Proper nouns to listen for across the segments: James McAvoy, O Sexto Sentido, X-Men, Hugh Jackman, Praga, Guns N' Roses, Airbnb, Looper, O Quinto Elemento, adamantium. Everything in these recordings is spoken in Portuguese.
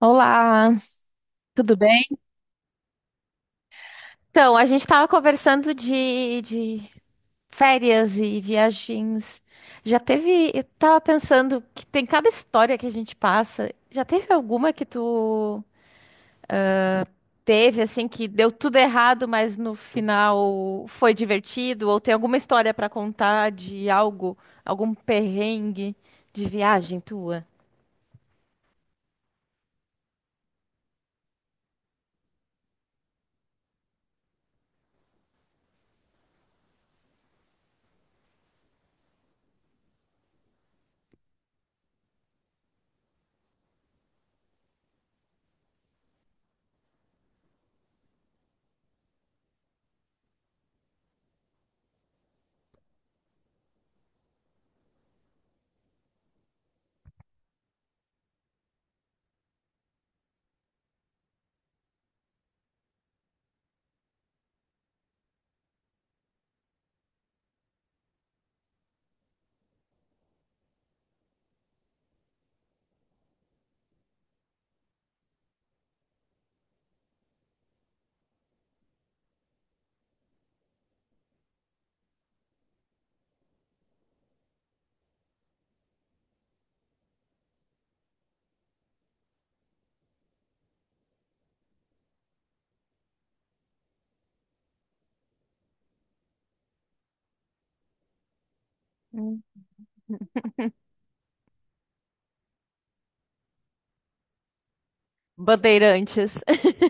Olá, tudo bem? Então, a gente estava conversando de férias e viagens. Eu tava pensando que tem cada história que a gente passa. Já teve alguma que tu teve, assim, que deu tudo errado, mas no final foi divertido? Ou tem alguma história para contar de algo, algum perrengue de viagem tua? Hum. Bandeirantes.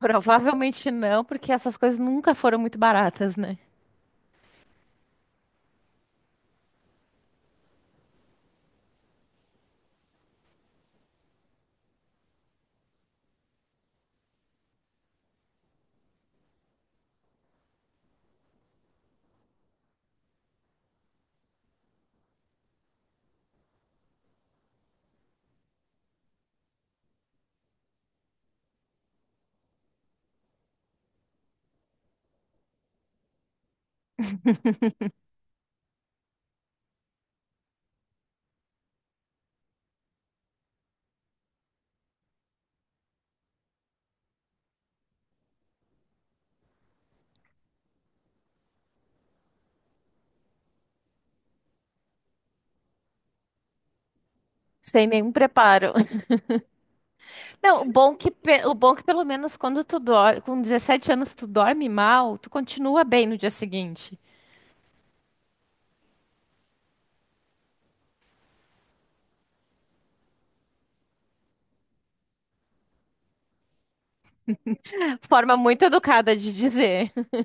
Provavelmente não, porque essas coisas nunca foram muito baratas, né? Sem nenhum preparo. Não, o bom que pelo menos quando tu dorme, com 17 anos tu dorme mal, tu continua bem no dia seguinte. Forma muito educada de dizer.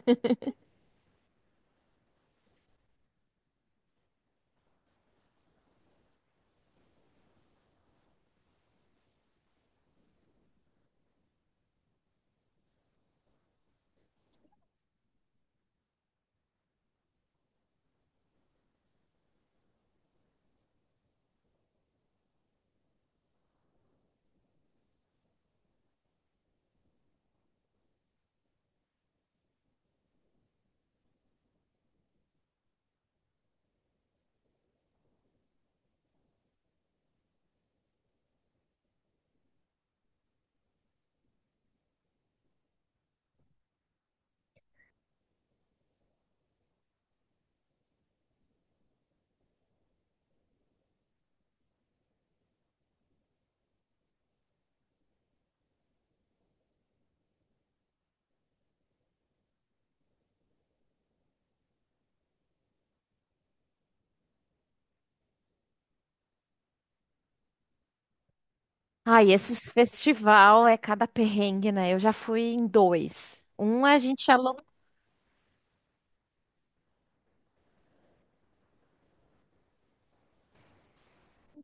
Ai, esses festival é cada perrengue, né? Eu já fui em dois. Um a gente alugou.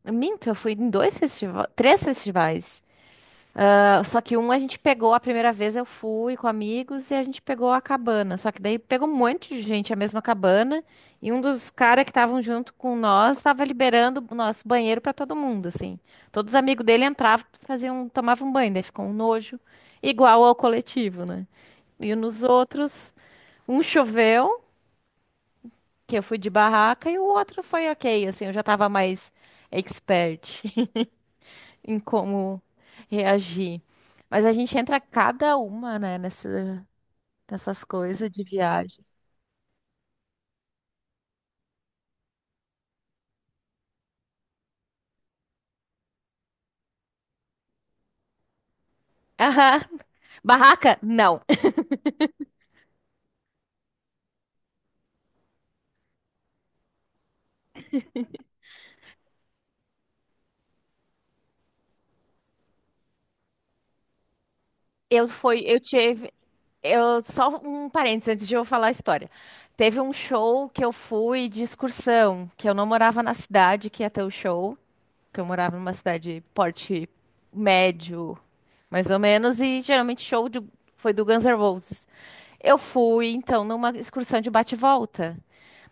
Minto, eu fui em dois festivais, três festivais. Ah, só que um a gente pegou a primeira vez, eu fui com amigos e a gente pegou a cabana. Só que daí pegou um monte de gente a mesma cabana e um dos caras que estavam junto com nós estava liberando o nosso banheiro para todo mundo, assim. Todos os amigos dele entravam, faziam, tomavam banho, daí ficou um nojo igual ao coletivo, né? E nos outros, um choveu, que eu fui de barraca e o outro foi ok, assim, eu já tava mais expert em como reagir. Mas a gente entra cada uma, né, nessas coisas de viagem. Aham. Barraca? Não. Eu foi, eu tive, Eu só um parênteses antes de eu falar a história. Teve um show que eu fui de excursão, que eu não morava na cidade que ia ter o show, que eu morava numa cidade porte médio, mais ou menos, e geralmente foi do Guns N' Roses. Eu fui, então, numa excursão de bate-volta.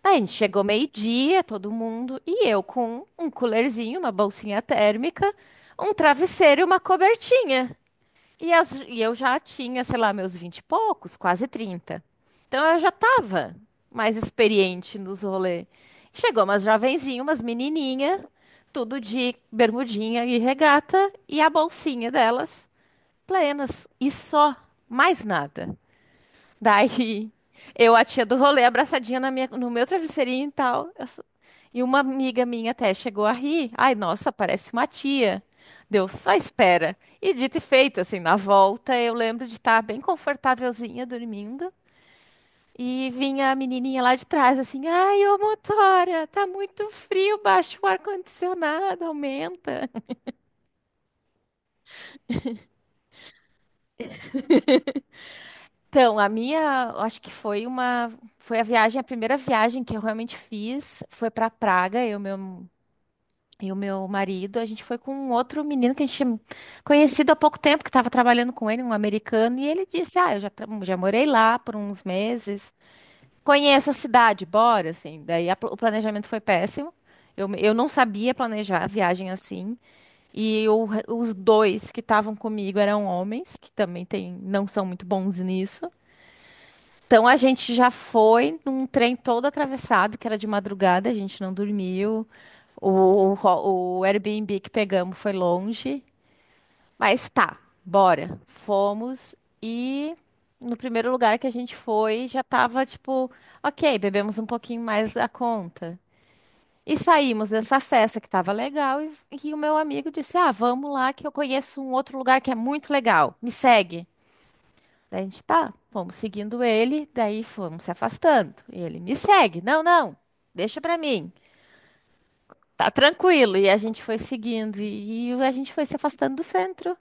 Aí a gente chegou meio-dia, todo mundo, e eu com um coolerzinho, uma bolsinha térmica, um travesseiro e uma cobertinha. E eu já tinha, sei lá, meus vinte e poucos, quase 30. Então eu já tava mais experiente nos rolês. Chegou umas jovenzinhas, umas menininha, tudo de bermudinha e regata, e a bolsinha delas, plenas, e só, mais nada. Daí, eu, a tia do rolê, abraçadinha no meu travesseirinho e tal. E uma amiga minha até chegou a rir. Ai, nossa, parece uma tia. Deu só espera. E dito e feito, assim, na volta, eu lembro de estar bem confortávelzinha dormindo. E vinha a menininha lá de trás, assim, ai, ô motora, tá muito frio, baixa o ar-condicionado, aumenta. Então, a minha, acho que foi uma, foi a viagem, a primeira viagem que eu realmente fiz, foi para Praga, eu, e o meu marido, a gente foi com um outro menino que a gente tinha conhecido há pouco tempo, que estava trabalhando com ele, um americano, e ele disse: Ah, eu já, já morei lá por uns meses, conheço a cidade, bora, assim. Daí o planejamento foi péssimo. Eu não sabia planejar a viagem assim. E os dois que estavam comigo eram homens, que também tem, não são muito bons nisso. Então a gente já foi num trem todo atravessado, que era de madrugada, a gente não dormiu. O Airbnb que pegamos foi longe. Mas tá, bora. Fomos e no primeiro lugar que a gente foi já tava tipo, ok, bebemos um pouquinho mais da conta. E saímos dessa festa que tava legal e o meu amigo disse: Ah, vamos lá que eu conheço um outro lugar que é muito legal. Me segue. Daí a gente tá, vamos seguindo ele, daí fomos se afastando. E ele me segue, não, não, deixa pra mim, tá tranquilo. E a gente foi seguindo, e a gente foi se afastando do centro.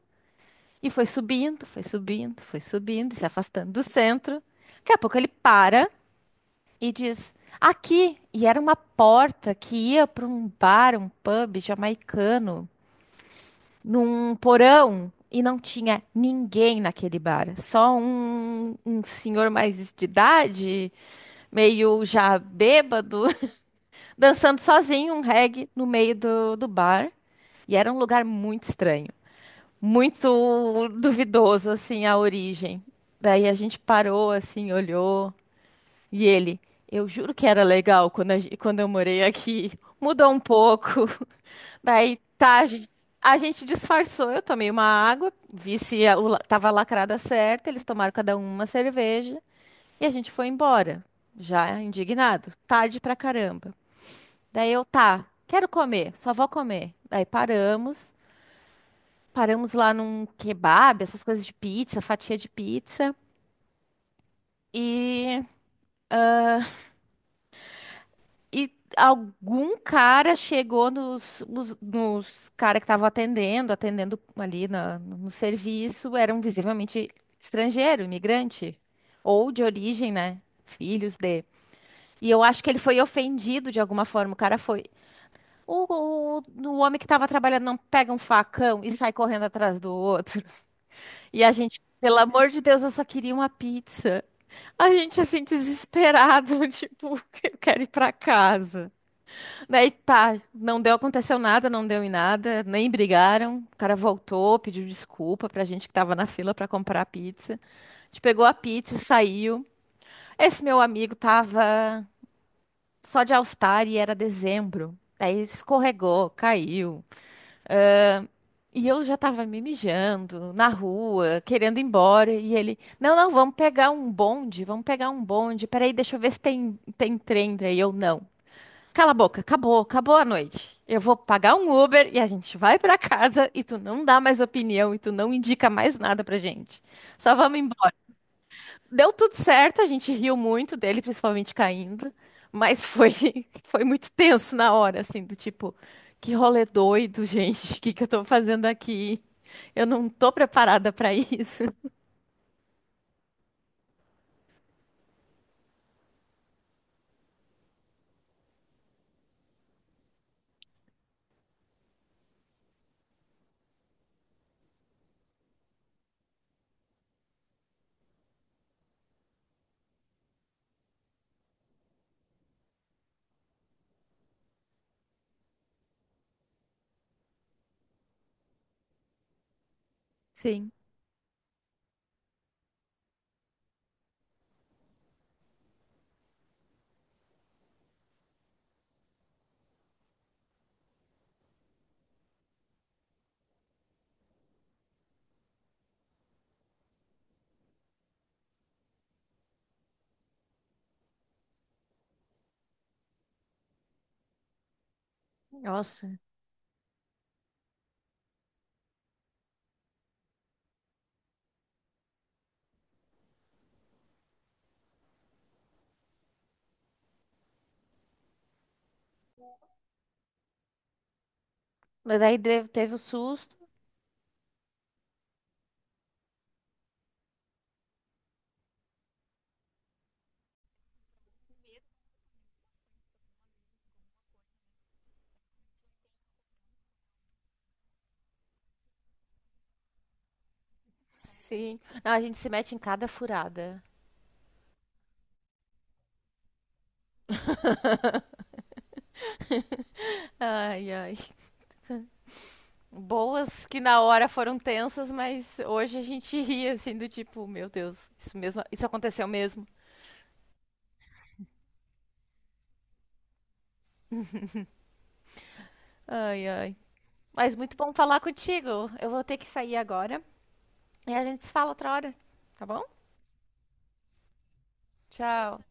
E foi subindo, foi subindo, foi subindo, e se afastando do centro. Daqui a pouco ele para e diz: aqui. E era uma porta que ia pra um bar, um pub jamaicano, num porão. E não tinha ninguém naquele bar, só um senhor mais de idade meio já bêbado, dançando sozinho um reggae no meio do bar. E era um lugar muito estranho, muito duvidoso, assim, a origem. Daí a gente parou, assim, olhou. E ele, eu juro que era legal quando eu morei aqui. Mudou um pouco. Daí tá, a gente disfarçou. Eu tomei uma água, vi se tava lacrada certa. Eles tomaram cada um uma cerveja. E a gente foi embora, já indignado, tarde pra caramba. Daí eu, tá, quero comer, só vou comer. Daí paramos lá num kebab, essas coisas de pizza, fatia de pizza. E, e algum cara chegou nos cara que estavam atendendo, ali no serviço, eram visivelmente estrangeiro, imigrante, ou de origem, né? Filhos de. E eu acho que ele foi ofendido de alguma forma. O cara foi. O homem que tava trabalhando não pega um facão e sai correndo atrás do outro. E a gente, pelo amor de Deus, eu só queria uma pizza. A gente, assim, desesperado, tipo, eu quero ir pra casa. Daí tá, não deu, aconteceu nada, não deu em nada, nem brigaram. O cara voltou, pediu desculpa pra gente que tava na fila pra comprar a pizza. A gente pegou a pizza e saiu. Esse meu amigo tava só de All Star e era dezembro. Daí escorregou, caiu. E eu já tava me mijando na rua, querendo ir embora. E ele, não, não, vamos pegar um bonde, vamos pegar um bonde. Peraí, deixa eu ver se tem trem daí ou não. Cala a boca, acabou, acabou a noite. Eu vou pagar um Uber e a gente vai pra casa e tu não dá mais opinião e tu não indica mais nada pra gente. Só vamos embora. Deu tudo certo, a gente riu muito dele, principalmente caindo, mas foi, foi muito tenso na hora, assim, do tipo, que rolê doido, gente, o que que eu tô fazendo aqui? Eu não tô preparada pra isso. Sim. Nossa. Mas aí teve o susto. Sim. Não, a gente se mete em cada furada. Ai, ai. Boas que na hora foram tensas, mas hoje a gente ri, assim, do tipo, meu Deus, isso mesmo, isso aconteceu mesmo. Ai, ai. Mas muito bom falar contigo. Eu vou ter que sair agora. E a gente se fala outra hora, tá bom? Tchau.